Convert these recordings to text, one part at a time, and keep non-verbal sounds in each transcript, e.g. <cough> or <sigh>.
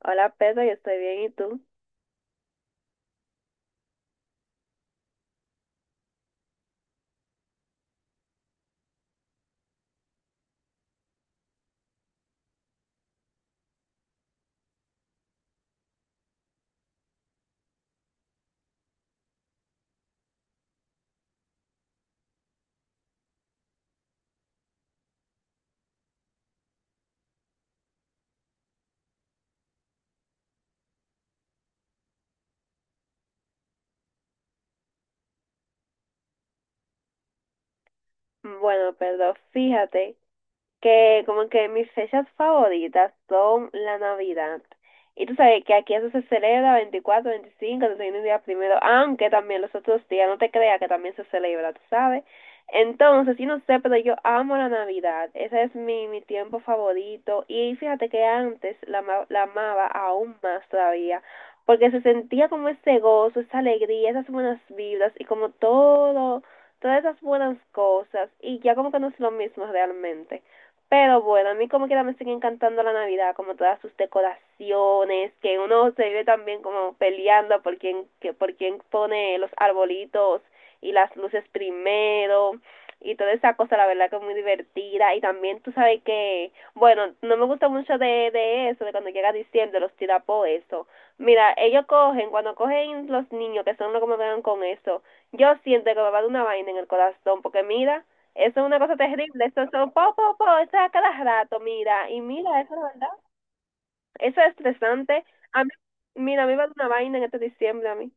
Hola Pedro, yo estoy bien, ¿y tú? Bueno, Pedro, fíjate que como que mis fechas favoritas son la Navidad. Y tú sabes que aquí eso se celebra 24 25 31 días primero, aunque también los otros días, no te creas que también se celebra, tú sabes. Entonces, sí, no sé, pero yo amo la Navidad. Ese es mi tiempo favorito. Y fíjate que antes la amaba aún más todavía, porque se sentía como ese gozo, esa alegría, esas buenas vibras y como todo, todas esas buenas cosas. Y ya como que no es lo mismo realmente. Pero bueno, a mí como quiera me sigue encantando la Navidad, como todas sus decoraciones, que uno se vive también como peleando por quién pone los arbolitos y las luces primero y toda esa cosa, la verdad que es muy divertida. Y también tú sabes que, bueno, no me gusta mucho de eso, de cuando llega diciembre, los tirapos, eso. Mira, ellos cogen, cuando cogen los niños, que son los que me vean con eso, yo siento que me va a dar una vaina en el corazón, porque mira, eso es una cosa terrible. Eso son po, po, po, eso es a cada rato, mira. Y mira, eso es verdad. Eso es estresante. A mí, mira, a mí me va a dar una vaina en este diciembre a mí.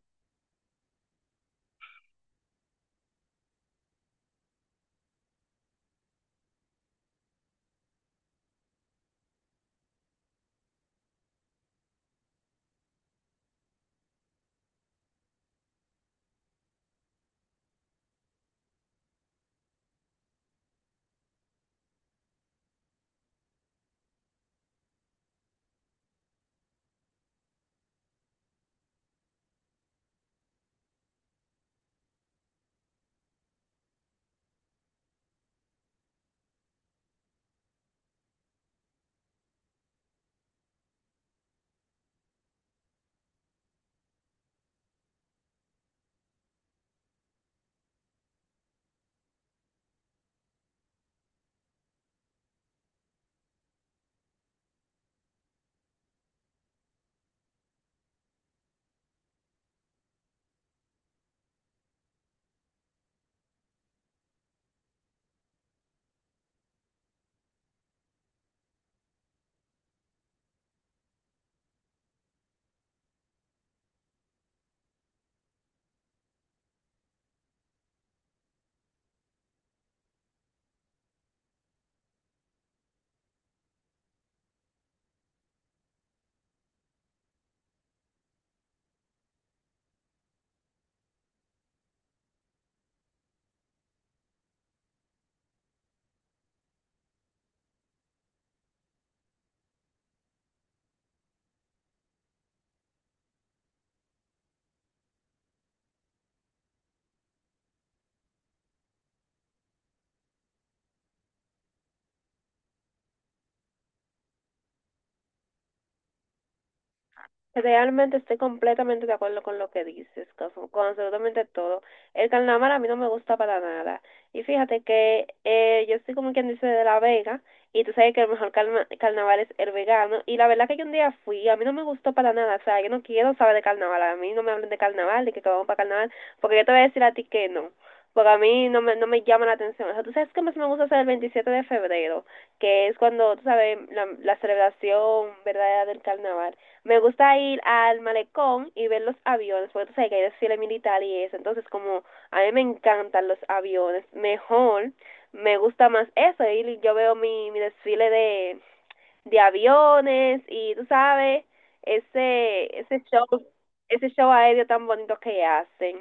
Realmente estoy completamente de acuerdo con lo que dices, con absolutamente todo. El carnaval a mí no me gusta para nada. Y fíjate que yo soy como quien dice de La Vega, y tú sabes que el mejor carnaval es el vegano. Y la verdad que yo un día fui, a mí no me gustó para nada. O sea, yo no quiero saber de carnaval. A mí no me hablen de carnaval, de que vamos para carnaval, porque yo te voy a decir a ti que no. Porque a mí no me llama la atención. O sea, tú sabes que más me gusta hacer el 27 de febrero, que es cuando, tú sabes, la celebración verdadera del carnaval me gusta ir al malecón y ver los aviones, porque tú sabes que hay desfile militar y eso. Entonces, como a mí me encantan los aviones, mejor me gusta más eso. Y yo veo mi desfile de aviones y tú sabes, ese, ese show, ese show aéreo tan bonito que hacen.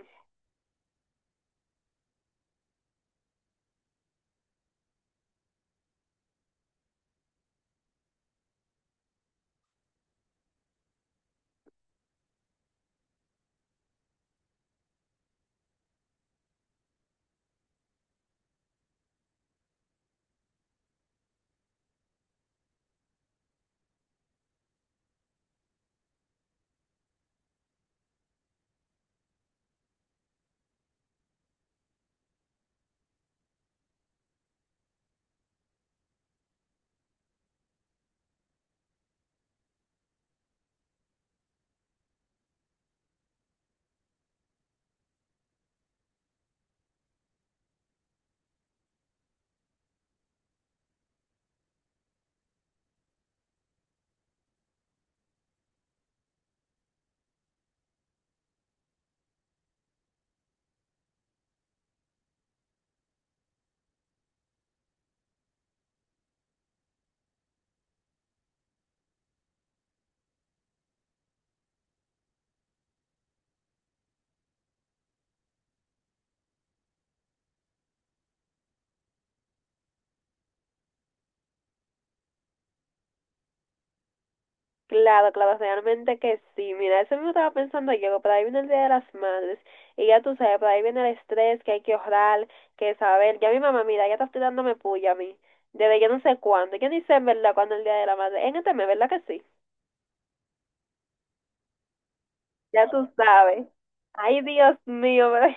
Claro, claro, realmente que sí. Mira, eso mismo estaba pensando yo, que por ahí viene el Día de las Madres. Y ya tú sabes, por ahí viene el estrés, que hay que ahorrar, que saber. Ya mi mamá, mira, ya está tirándome puya a mí. Desde yo no sé cuándo. Yo ni sé en verdad cuándo es el Día de la Madre. En este mes, ¿verdad que sí? Ya tú sabes. Ay, Dios mío, pero-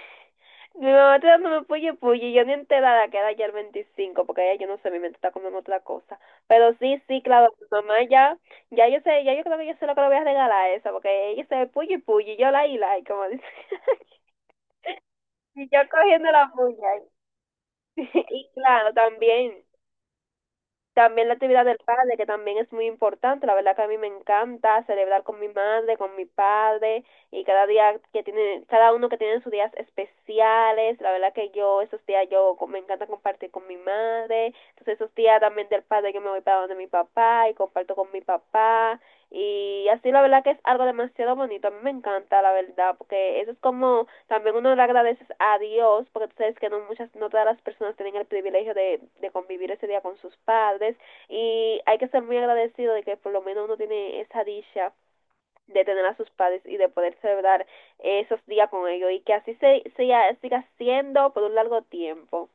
<laughs> mi mamá está dándome puye puye, y yo ni enterada que era ya el 25 porque ya yo no sé, mi mente está comiendo otra cosa. Pero sí, sí, claro, mi mamá ya, ya yo sé, ya yo creo que yo sé lo que le voy a regalar a esa, porque ella se puye puye, y yo la, y como dice, <laughs> y yo cogiendo la puya. <laughs> Y claro, también. También la actividad del padre, que también es muy importante. La verdad que a mí me encanta celebrar con mi madre, con mi padre, y cada día que tiene, cada uno que tiene sus días especiales. La verdad que yo, esos días me encanta compartir con mi madre. Entonces esos días también del padre yo me voy para donde mi papá y comparto con mi papá. Y así la verdad que es algo demasiado bonito, a mí me encanta la verdad, porque eso es como también uno le agradeces a Dios, porque tú sabes que no muchas, no todas las personas tienen el privilegio de convivir ese día con sus padres y hay que ser muy agradecido de que por lo menos uno tiene esa dicha de tener a sus padres y de poder celebrar esos días con ellos y que así se siga siendo por un largo tiempo.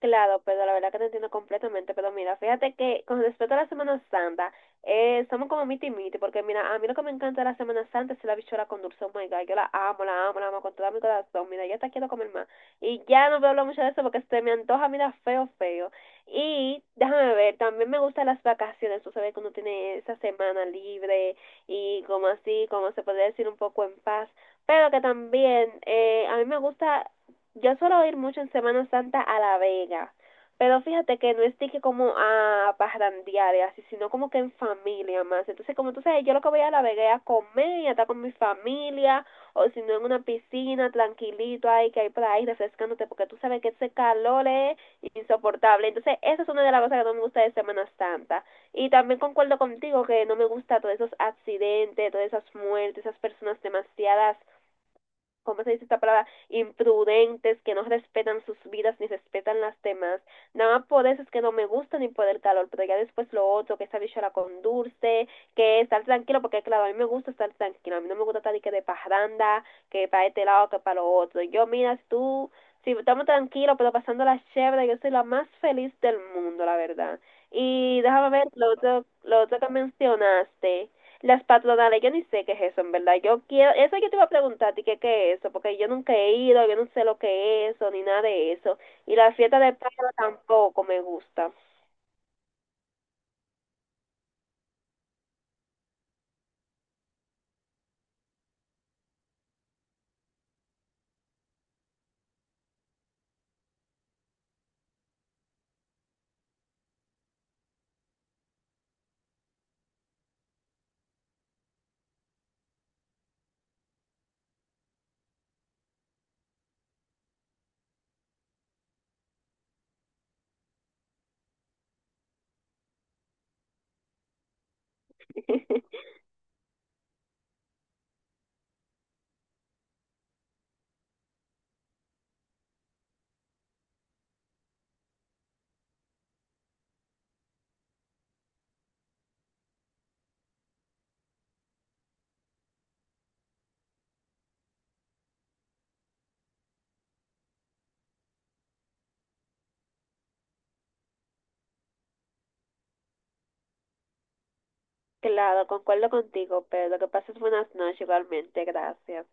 Claro, pero la verdad que te entiendo completamente, pero mira, fíjate que con respecto a la Semana Santa, somos como miti y miti, porque mira, a mí lo que me encanta de la Semana Santa es la bichuela con dulce, oh my God, yo la amo, la amo, la amo con todo mi corazón, mira, ya hasta quiero comer más, y ya no voy a hablar mucho de eso porque se me antoja, mira, feo, feo, y déjame ver, también me gustan las vacaciones, tú sabes que uno tiene esa semana libre, y como así, como se podría decir, un poco en paz, pero que también, a mí me gusta yo suelo ir mucho en Semana Santa a La Vega, pero fíjate que no es de que como a parrandear y así, sino como que en familia más. Entonces, como tú sabes, yo lo que voy a La Vega es a comer y a estar con mi familia, o si no en una piscina, tranquilito ahí, que hay por ahí refrescándote, porque tú sabes que ese calor es insoportable. Entonces, esa es una de las cosas que no me gusta de Semana Santa. Y también concuerdo contigo que no me gusta todos esos accidentes, todas esas muertes, esas personas demasiadas ¿cómo se dice esta palabra? Imprudentes, que no respetan sus vidas ni respetan las demás. Nada más por eso es que no me gusta ni por el calor, pero ya después lo otro, que esa bichola con dulce, que estar tranquilo, porque claro, a mí me gusta estar tranquilo, a mí no me gusta estar ni que de parranda, que para este lado, que para lo otro. Yo, mira, tú, si estamos tranquilos, pero pasando la chévere, yo soy la más feliz del mundo, la verdad. Y déjame ver lo otro, que mencionaste. Las patronales, yo ni sé qué es eso, en verdad. Yo quiero, eso yo te iba a preguntar a ti qué es eso, porque yo nunca he ido, yo no sé lo que es eso, ni nada de eso. Y la fiesta de Pedro tampoco me gusta. <laughs> Claro, concuerdo contigo, pero que pases buenas noches igualmente, gracias.